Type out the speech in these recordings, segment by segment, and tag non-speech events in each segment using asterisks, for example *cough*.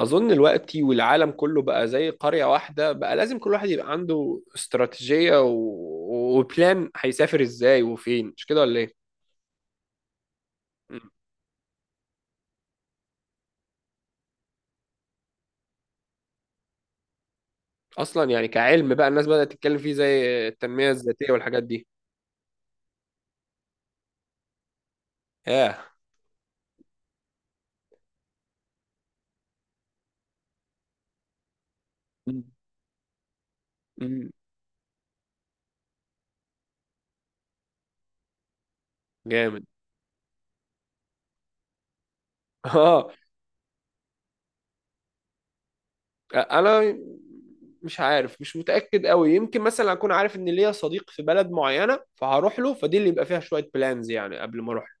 أظن الوقت والعالم كله بقى زي قرية واحدة. بقى لازم كل واحد يبقى عنده استراتيجية وبلان، هيسافر إزاي وفين، مش كده ولا إيه؟ م. أصلا يعني كعلم بقى الناس بدأت تتكلم فيه زي التنمية الذاتية والحاجات دي. ياه. م. م. جامد. *laughs* آه. أنا مش عارف، مش متأكد قوي. يمكن مثلا أكون عارف إن ليا صديق في بلد معينة فهروح له، فدي اللي يبقى فيها شوية بلانز يعني قبل ما أروح.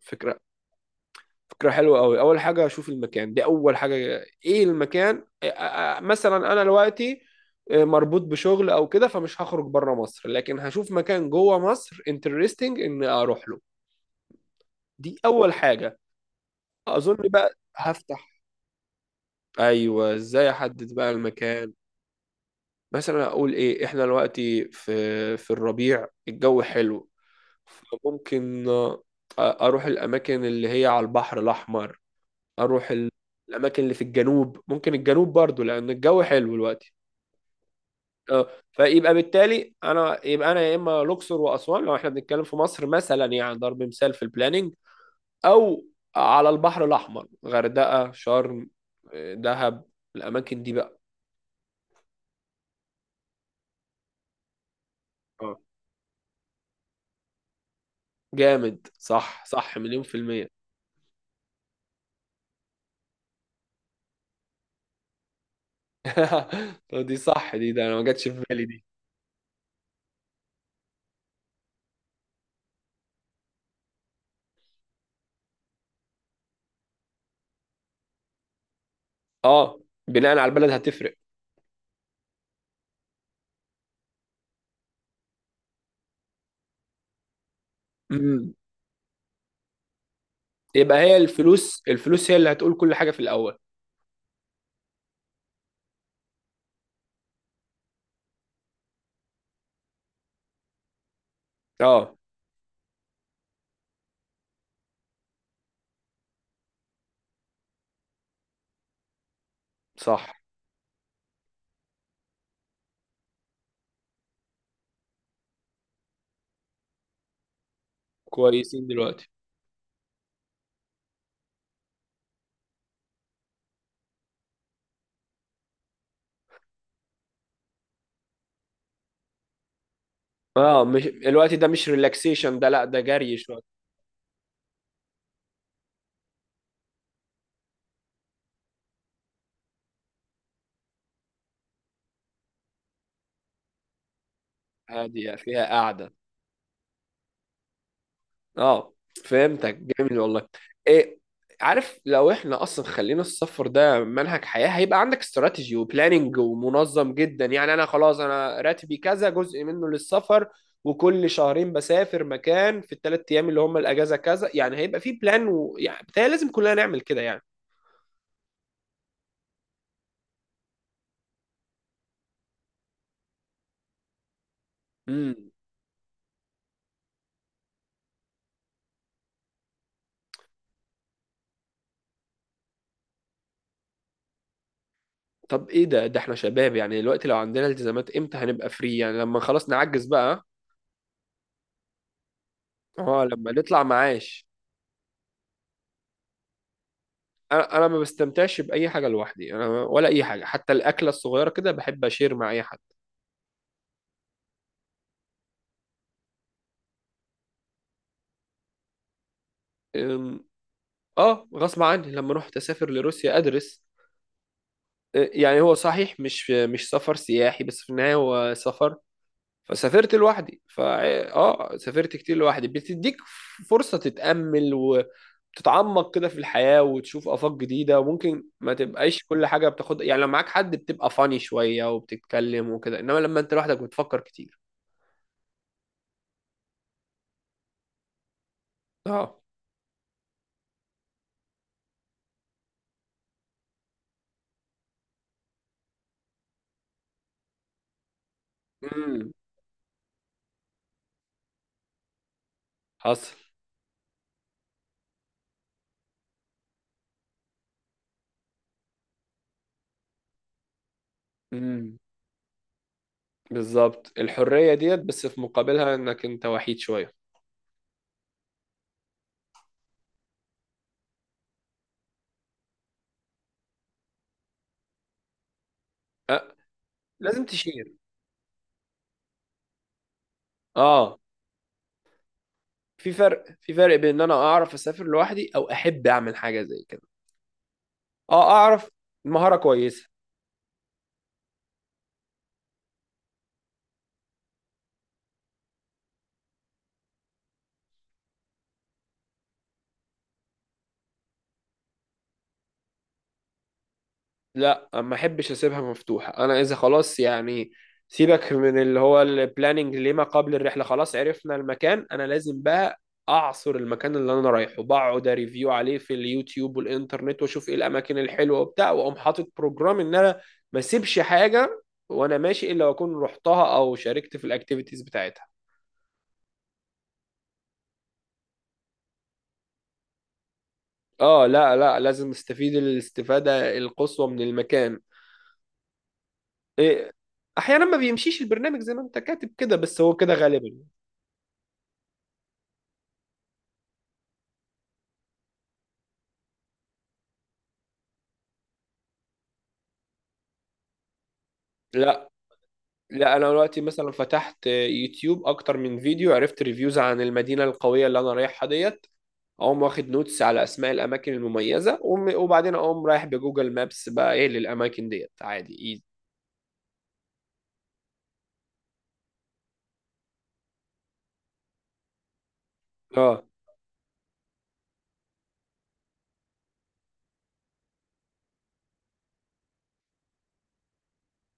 فكرة فكرة حلوة أوي، أول حاجة أشوف المكان، دي أول حاجة. إيه المكان، مثلا أنا دلوقتي مربوط بشغل أو كده، فمش هخرج بره مصر لكن هشوف مكان جوه مصر انترستنج إن أروح له. دي أول حاجة. أظن بقى هفتح. أيوه، إزاي أحدد بقى المكان. مثلا أقول إيه، إحنا دلوقتي في الربيع الجو حلو، فممكن أروح الأماكن اللي هي على البحر الأحمر. اروح ال- الاماكن اللي في الجنوب، ممكن الجنوب برضو لان الجو حلو دلوقتي. اه فيبقى بالتالي، انا يا اما الاقصر واسوان لو احنا بنتكلم في مصر، مثلا يعني ضرب مثال في البلاننج. او على البحر الاحمر، غردقه، شرم، دهب. الاماكن دي بقى. اه جامد، صح صح، مليون في المية. *laughs* طب دي صح، دي ده انا ما جاتش في بالي دي. اه، بناء على البلد هتفرق. امم. يبقى هي الفلوس، الفلوس هي اللي هتقول كل حاجة في الاول. اه صح. كويسين دلوقتي. اه مش الوقت ده، مش ريلاكسيشن، ده لا ده جري شويه. هاديه فيها قاعده. اه. فهمتك، جميل والله. ايه. عارف لو احنا اصلا خلينا السفر ده منهج حياه، هيبقى عندك استراتيجي وبلاننج ومنظم جدا. يعني انا خلاص، انا راتبي كذا جزء منه للسفر، وكل شهرين بسافر مكان في الثلاث ايام اللي هم الاجازه كذا، يعني هيبقى في بلان، ويعني بتهيألي لازم كلنا نعمل كده. يعني طب ايه ده احنا شباب يعني دلوقتي، لو عندنا التزامات امتى هنبقى فري؟ يعني لما خلاص نعجز بقى. اه لما نطلع معاش. انا ما بستمتعش باي حاجه لوحدي، انا ولا اي حاجه، حتى الاكله الصغيره كده بحب اشير مع اي حد. أم، اه غصب عني لما رحت اسافر لروسيا ادرس. يعني هو صحيح مش سفر سياحي، بس في النهايه هو سفر. فسافرت لوحدي اه، سافرت كتير لوحدي، بتديك فرصة تتأمل وتتعمق كده في الحياة وتشوف آفاق جديدة، وممكن ما تبقاش كل حاجة بتاخد، يعني لو معاك حد بتبقى فاني شوية وبتتكلم وكده، انما لما انت لوحدك بتفكر كتير. اه. امم. حصل. امم بالظبط، الحرية ديت بس في مقابلها انك انت وحيد شوية. أه. لازم تشير. اه في فرق بين ان انا اعرف اسافر لوحدي او احب اعمل حاجة زي كده. اه اعرف. مهارة كويسة. لا ما احبش اسيبها مفتوحه، انا اذا خلاص يعني، سيبك من اللي هو البلاننج، لما قبل الرحله خلاص عرفنا المكان، انا لازم بقى اعصر المكان اللي انا رايحه، بقعد ريفيو عليه في اليوتيوب والانترنت واشوف ايه الاماكن الحلوه وبتاع، واقوم حاطط بروجرام ان انا ما اسيبش حاجه وانا ماشي الا واكون رحتها او شاركت في الاكتيفيتيز بتاعتها. اه لا لا لازم استفيد الاستفاده القصوى من المكان. إيه. احيانا ما بيمشيش البرنامج زي ما انت كاتب كده، بس هو كده غالبا. لا لا، انا دلوقتي مثلا فتحت يوتيوب اكتر من فيديو، عرفت ريفيوز عن المدينه القويه اللي انا رايحها ديت. اقوم واخد نوتس على اسماء الاماكن المميزه وبعدين اقوم رايح بجوجل مابس بقى ايه للاماكن ديت، عادي ايزي. اه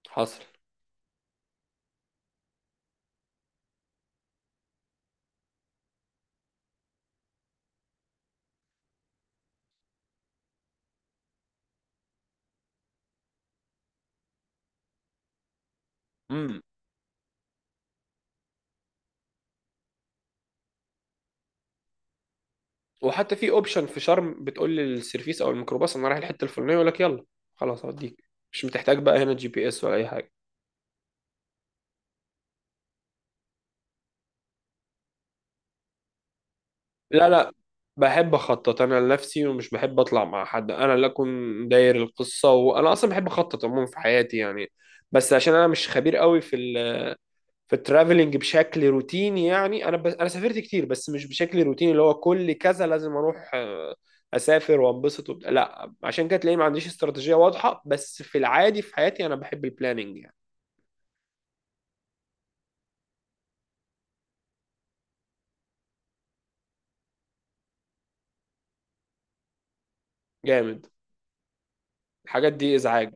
حصل. امم. وحتى في اوبشن في شرم، بتقول للسيرفيس او الميكروباص انا رايح الحته الفلانيه، يقول لك يلا خلاص هوديك. مش بتحتاج بقى هنا GPS ولا اي حاجه. لا لا، بحب اخطط انا لنفسي، ومش بحب اطلع مع حد، انا اللي اكون داير القصه، وانا اصلا بحب اخطط عموما في حياتي يعني. بس عشان انا مش خبير قوي في الترافلنج بشكل روتيني، يعني انا سافرت كتير بس مش بشكل روتيني اللي هو كل كذا لازم اروح، اسافر وانبسط وبتاع، لا عشان كده تلاقيني ما عنديش استراتيجيه واضحه، بس في العادي في حياتي انا بحب البلاننج يعني. جامد. الحاجات دي ازعاج.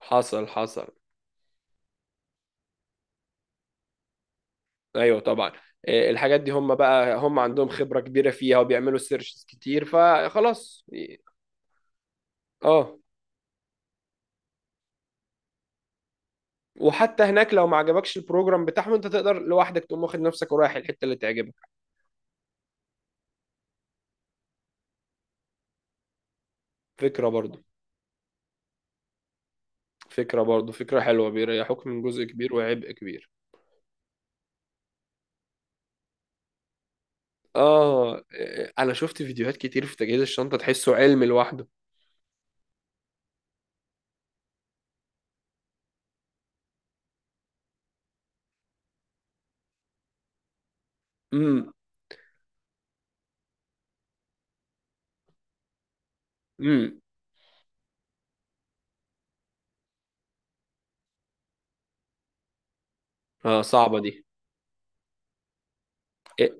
حصل حصل، ايوه طبعا. إيه، الحاجات دي هم بقى، هم عندهم خبرة كبيرة فيها وبيعملوا سيرشز كتير، فخلاص إيه. اه، وحتى هناك لو ما عجبكش البروجرام بتاعهم انت تقدر لوحدك تقوم واخد نفسك ورايح الحتة اللي تعجبك. فكرة برضو فكرة برضو، فكرة حلوة، بيريحوك من جزء كبير وعبء كبير. اه. إيه، انا شفت فيديوهات كتير في تجهيز الشنطة، تحسه علم لوحده. امم. امم. اه صعبة دي. آه،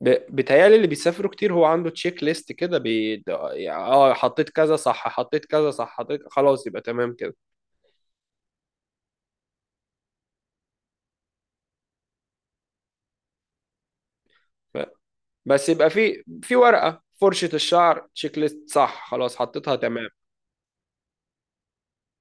بيتهيألي اللي بيسافروا كتير هو عنده تشيك ليست كده، بي... ده- يعني، اه حطيت كذا صح، حطيت كذا صح، حطيت خلاص يبقى تمام كده. ف... بس يبقى في ورقة، فرشة الشعر، تشيك ليست صح، خلاص حطيتها تمام.